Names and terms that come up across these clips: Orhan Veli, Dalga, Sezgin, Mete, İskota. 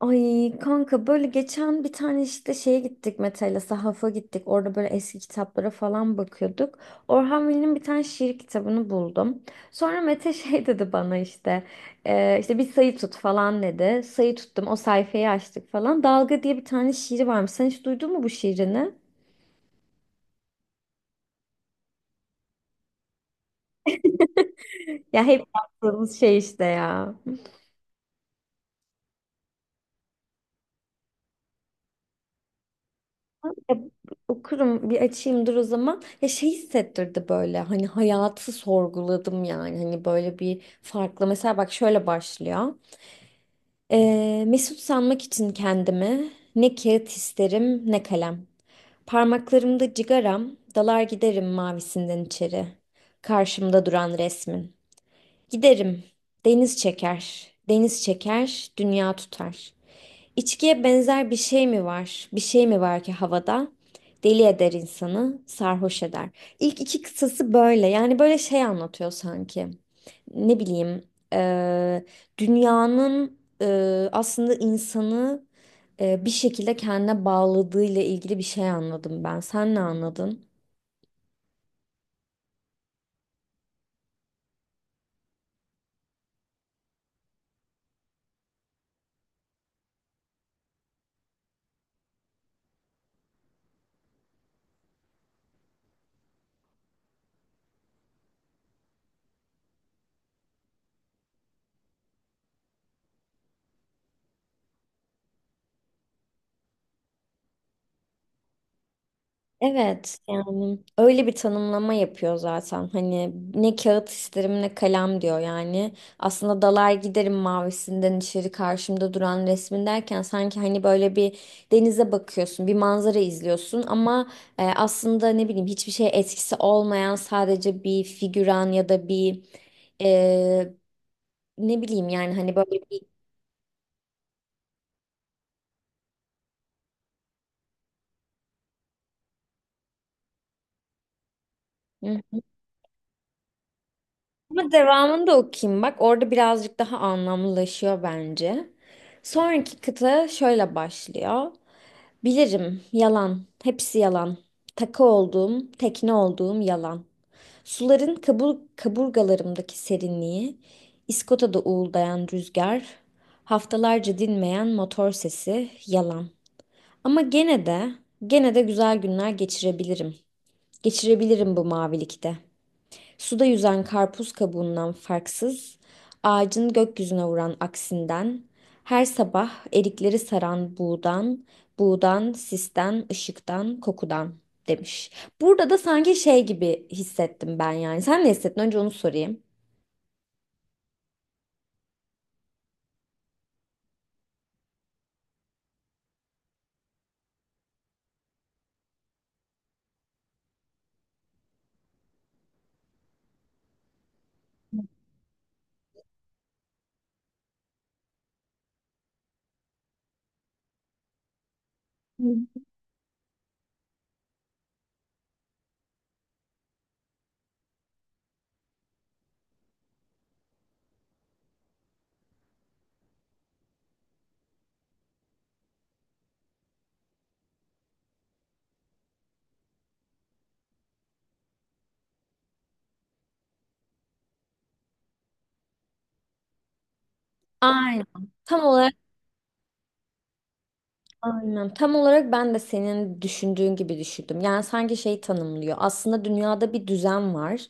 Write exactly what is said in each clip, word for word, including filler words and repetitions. Ay kanka böyle geçen bir tane işte şeye gittik, Mete'yle sahafa gittik. Orada böyle eski kitaplara falan bakıyorduk. Orhan Veli'nin bir tane şiir kitabını buldum. Sonra Mete şey dedi bana işte, "Ee, işte bir sayı tut" falan dedi. Sayı tuttum, o sayfayı açtık falan. Dalga diye bir tane şiiri varmış. Sen hiç duydun mu bu şiirini? Ya hep yaptığımız şey işte ya. Ya, okurum, bir açayım dur o zaman. Ya şey hissettirdi böyle, hani hayatı sorguladım, yani hani böyle bir farklı. Mesela bak, şöyle başlıyor. Ee, mesut sanmak için kendimi, ne kağıt isterim ne kalem. Parmaklarımda cigaram, dalar giderim mavisinden içeri. Karşımda duran resmin. Giderim. Deniz çeker. Deniz çeker, dünya tutar. İçkiye benzer bir şey mi var? Bir şey mi var ki havada? Deli eder insanı, sarhoş eder. İlk iki kıtası böyle. Yani böyle şey anlatıyor sanki. Ne bileyim, eee, dünyanın eee, aslında insanı eee, bir şekilde kendine bağladığıyla ilgili bir şey anladım ben. Sen ne anladın? Evet, yani öyle bir tanımlama yapıyor zaten, hani ne kağıt isterim ne kalem diyor, yani aslında dalar giderim mavisinden içeri, karşımda duran resmin derken sanki hani böyle bir denize bakıyorsun, bir manzara izliyorsun ama e, aslında ne bileyim hiçbir şeye etkisi olmayan sadece bir figüran ya da bir e, ne bileyim yani hani böyle bir. Ama devamını da okuyayım bak. Orada birazcık daha anlamlılaşıyor bence. Sonraki kıta şöyle başlıyor. Bilirim, yalan, hepsi yalan. Takı olduğum, tekne olduğum yalan. Suların kabur, kaburgalarımdaki serinliği, İskota'da uğuldayan rüzgar, haftalarca dinmeyen motor sesi, yalan. Ama gene de, gene de güzel günler geçirebilirim. Geçirebilirim bu mavilikte. Suda yüzen karpuz kabuğundan farksız, ağacın gökyüzüne vuran aksinden, her sabah erikleri saran buğdan, buğdan, sisten, ışıktan, kokudan demiş. Burada da sanki şey gibi hissettim ben yani. Sen ne hissettin? Önce onu sorayım. Hı. Aynen. Tam olarak. Aynen. Tam olarak ben de senin düşündüğün gibi düşündüm. Yani sanki şey tanımlıyor. Aslında dünyada bir düzen var.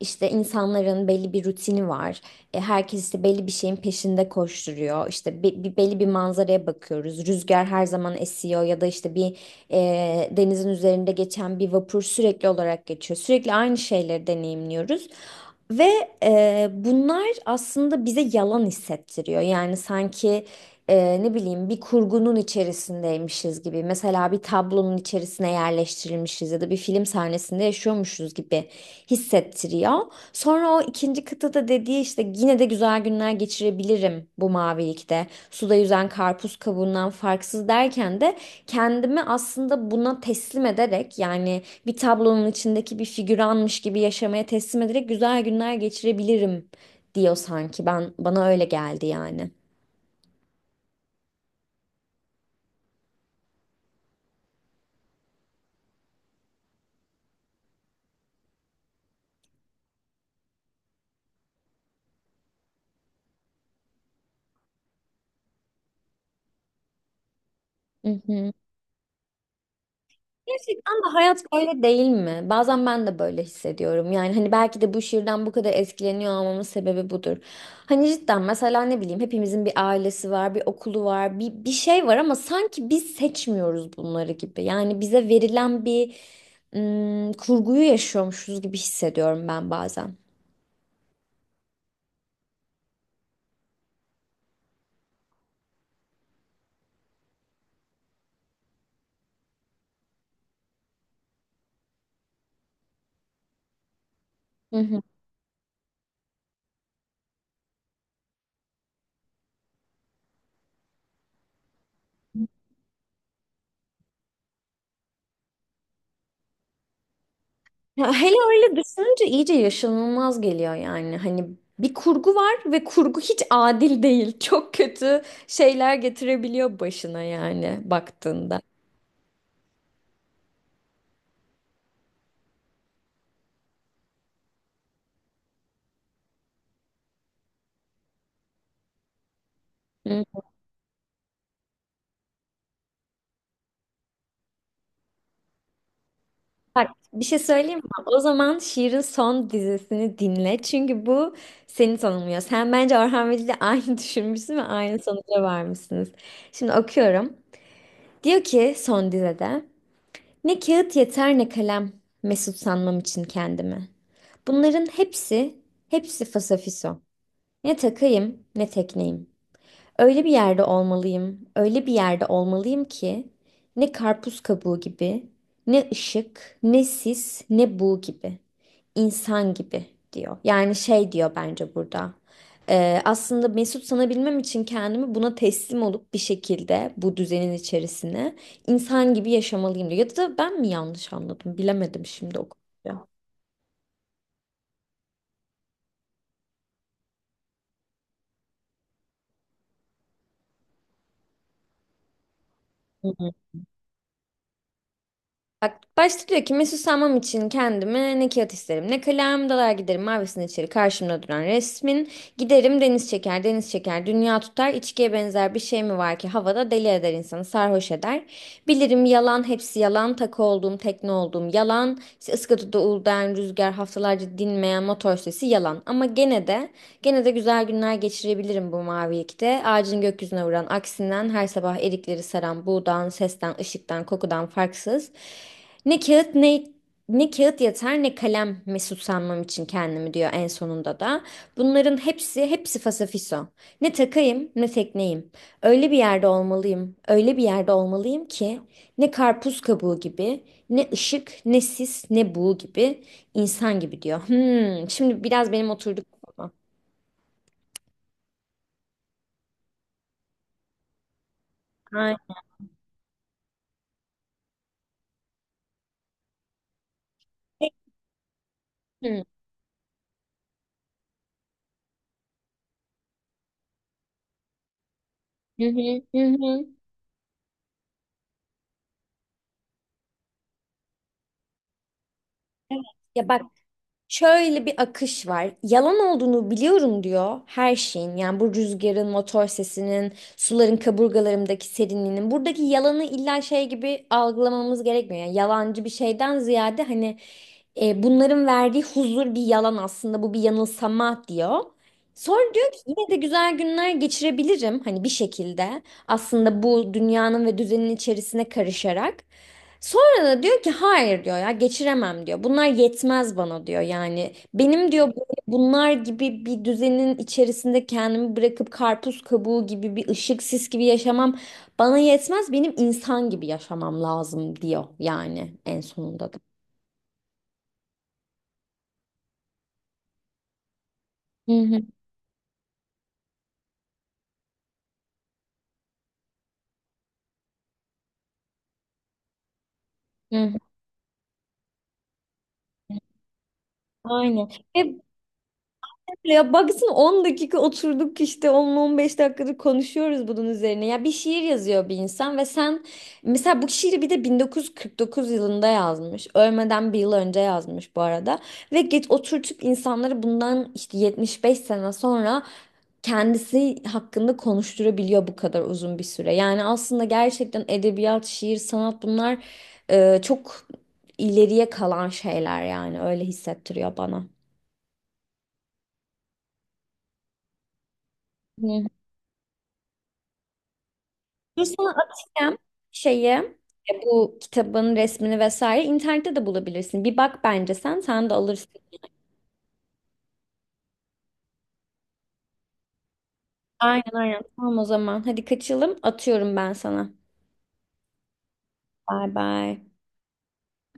İşte insanların belli bir rutini var. E, herkes işte belli bir şeyin peşinde koşturuyor. İşte be- bir, belli bir manzaraya bakıyoruz. Rüzgar her zaman esiyor ya da işte bir e, denizin üzerinde geçen bir vapur sürekli olarak geçiyor. Sürekli aynı şeyleri deneyimliyoruz. Ve e, bunlar aslında bize yalan hissettiriyor. Yani sanki e, ne bileyim bir kurgunun içerisindeymişiz gibi. Mesela bir tablonun içerisine yerleştirilmişiz ya da bir film sahnesinde yaşıyormuşuz gibi hissettiriyor. Sonra o ikinci kıtada dediği işte yine de güzel günler geçirebilirim bu mavilikte. Suda yüzen karpuz kabuğundan farksız derken de kendimi aslında buna teslim ederek, yani bir tablonun içindeki bir figüranmış gibi yaşamaya teslim ederek güzel günler geçirebilirim diyor sanki, ben bana öyle geldi yani. Hı hı. Gerçekten de hayat böyle değil mi? Bazen ben de böyle hissediyorum. Yani hani belki de bu şiirden bu kadar etkileniyor olmamın sebebi budur. Hani cidden mesela ne bileyim, hepimizin bir ailesi var, bir okulu var, bir, bir şey var ama sanki biz seçmiyoruz bunları gibi. Yani bize verilen bir ım, kurguyu yaşıyormuşuz gibi hissediyorum ben bazen. Hı hı. Ya hele öyle düşününce iyice yaşanılmaz geliyor yani. Hani bir kurgu var ve kurgu hiç adil değil. Çok kötü şeyler getirebiliyor başına yani baktığında. Hı. Bak, bir şey söyleyeyim mi? O zaman Şiir'in son dizisini dinle. Çünkü bu seni tanımlıyor. Sen bence Orhan Veli ile aynı düşünmüşsün ve aynı sonuca varmışsınız. Şimdi okuyorum. Diyor ki son dizede. Ne kağıt yeter ne kalem, mesut sanmam için kendimi. Bunların hepsi, hepsi fasafiso. Ne takayım ne tekneyim. Öyle bir yerde olmalıyım, öyle bir yerde olmalıyım ki ne karpuz kabuğu gibi, ne ışık, ne sis, ne bu gibi, insan gibi diyor. Yani şey diyor bence burada. Ee, aslında mesut sanabilmem için kendimi buna teslim olup bir şekilde bu düzenin içerisine insan gibi yaşamalıyım diyor. Ya da ben mi yanlış anladım bilemedim şimdi o konuyu. Bak, başta diyor ki mesut sanmam için kendime ne kağıt isterim ne kalem, dalar giderim mavisine içeri, karşımda duran resmin giderim, deniz çeker deniz çeker dünya tutar, içkiye benzer bir şey mi var ki havada, deli eder insanı sarhoş eder, bilirim yalan hepsi yalan, takı olduğum tekne olduğum yalan, işte ıskatıda uğuldayan rüzgar, haftalarca dinmeyen motor sesi yalan, ama gene de gene de güzel günler geçirebilirim bu mavilikte. Ağacın gökyüzüne vuran aksinden, her sabah erikleri saran buğdan, sesten, ışıktan, kokudan farksız. Ne kağıt ne ne kağıt yeter ne kalem mesut sanmam için kendimi diyor en sonunda da. Bunların hepsi hepsi fasafiso. Ne takayım ne tekneyim. Öyle bir yerde olmalıyım. Öyle bir yerde olmalıyım ki ne karpuz kabuğu gibi, ne ışık, ne sis, ne buğu gibi, insan gibi diyor. Hmm, şimdi biraz benim oturduk. Ay. Hı hı, hı. hı. Evet. Ya bak, şöyle bir akış var. Yalan olduğunu biliyorum diyor her şeyin. Yani bu rüzgarın, motor sesinin, suların kaburgalarımdaki serinliğinin. Buradaki yalanı illa şey gibi algılamamız gerekmiyor. Yani yalancı bir şeyden ziyade hani e, bunların verdiği huzur bir yalan aslında. Bu bir yanılsama diyor. Sonra diyor ki yine de güzel günler geçirebilirim, hani bir şekilde aslında bu dünyanın ve düzenin içerisine karışarak. Sonra da diyor ki hayır, diyor ya, geçiremem diyor. Bunlar yetmez bana diyor yani. Benim diyor böyle bunlar gibi bir düzenin içerisinde kendimi bırakıp karpuz kabuğu gibi, bir ışık sis gibi yaşamam bana yetmez. Benim insan gibi yaşamam lazım diyor yani en sonunda da. Hı hı, hı. Aynen. Ve ya baksana on dakika oturduk, işte on on beş dakikadır konuşuyoruz bunun üzerine. Ya bir şiir yazıyor bir insan ve sen, mesela bu şiiri bir de bin dokuz yüz kırk dokuz yılında yazmış. Ölmeden bir yıl önce yazmış bu arada. Ve geç oturtup insanları bundan işte yetmiş beş sene sonra kendisi hakkında konuşturabiliyor bu kadar uzun bir süre. Yani aslında gerçekten edebiyat, şiir, sanat bunlar e, çok ileriye kalan şeyler, yani öyle hissettiriyor bana. Hı. Dur sana atayım şeyi. E, bu kitabın resmini vesaire internette de bulabilirsin. Bir bak, bence sen, sen de alırsın. Aynen aynen. Tamam, o zaman. Hadi kaçalım. Atıyorum ben sana. Bay bay.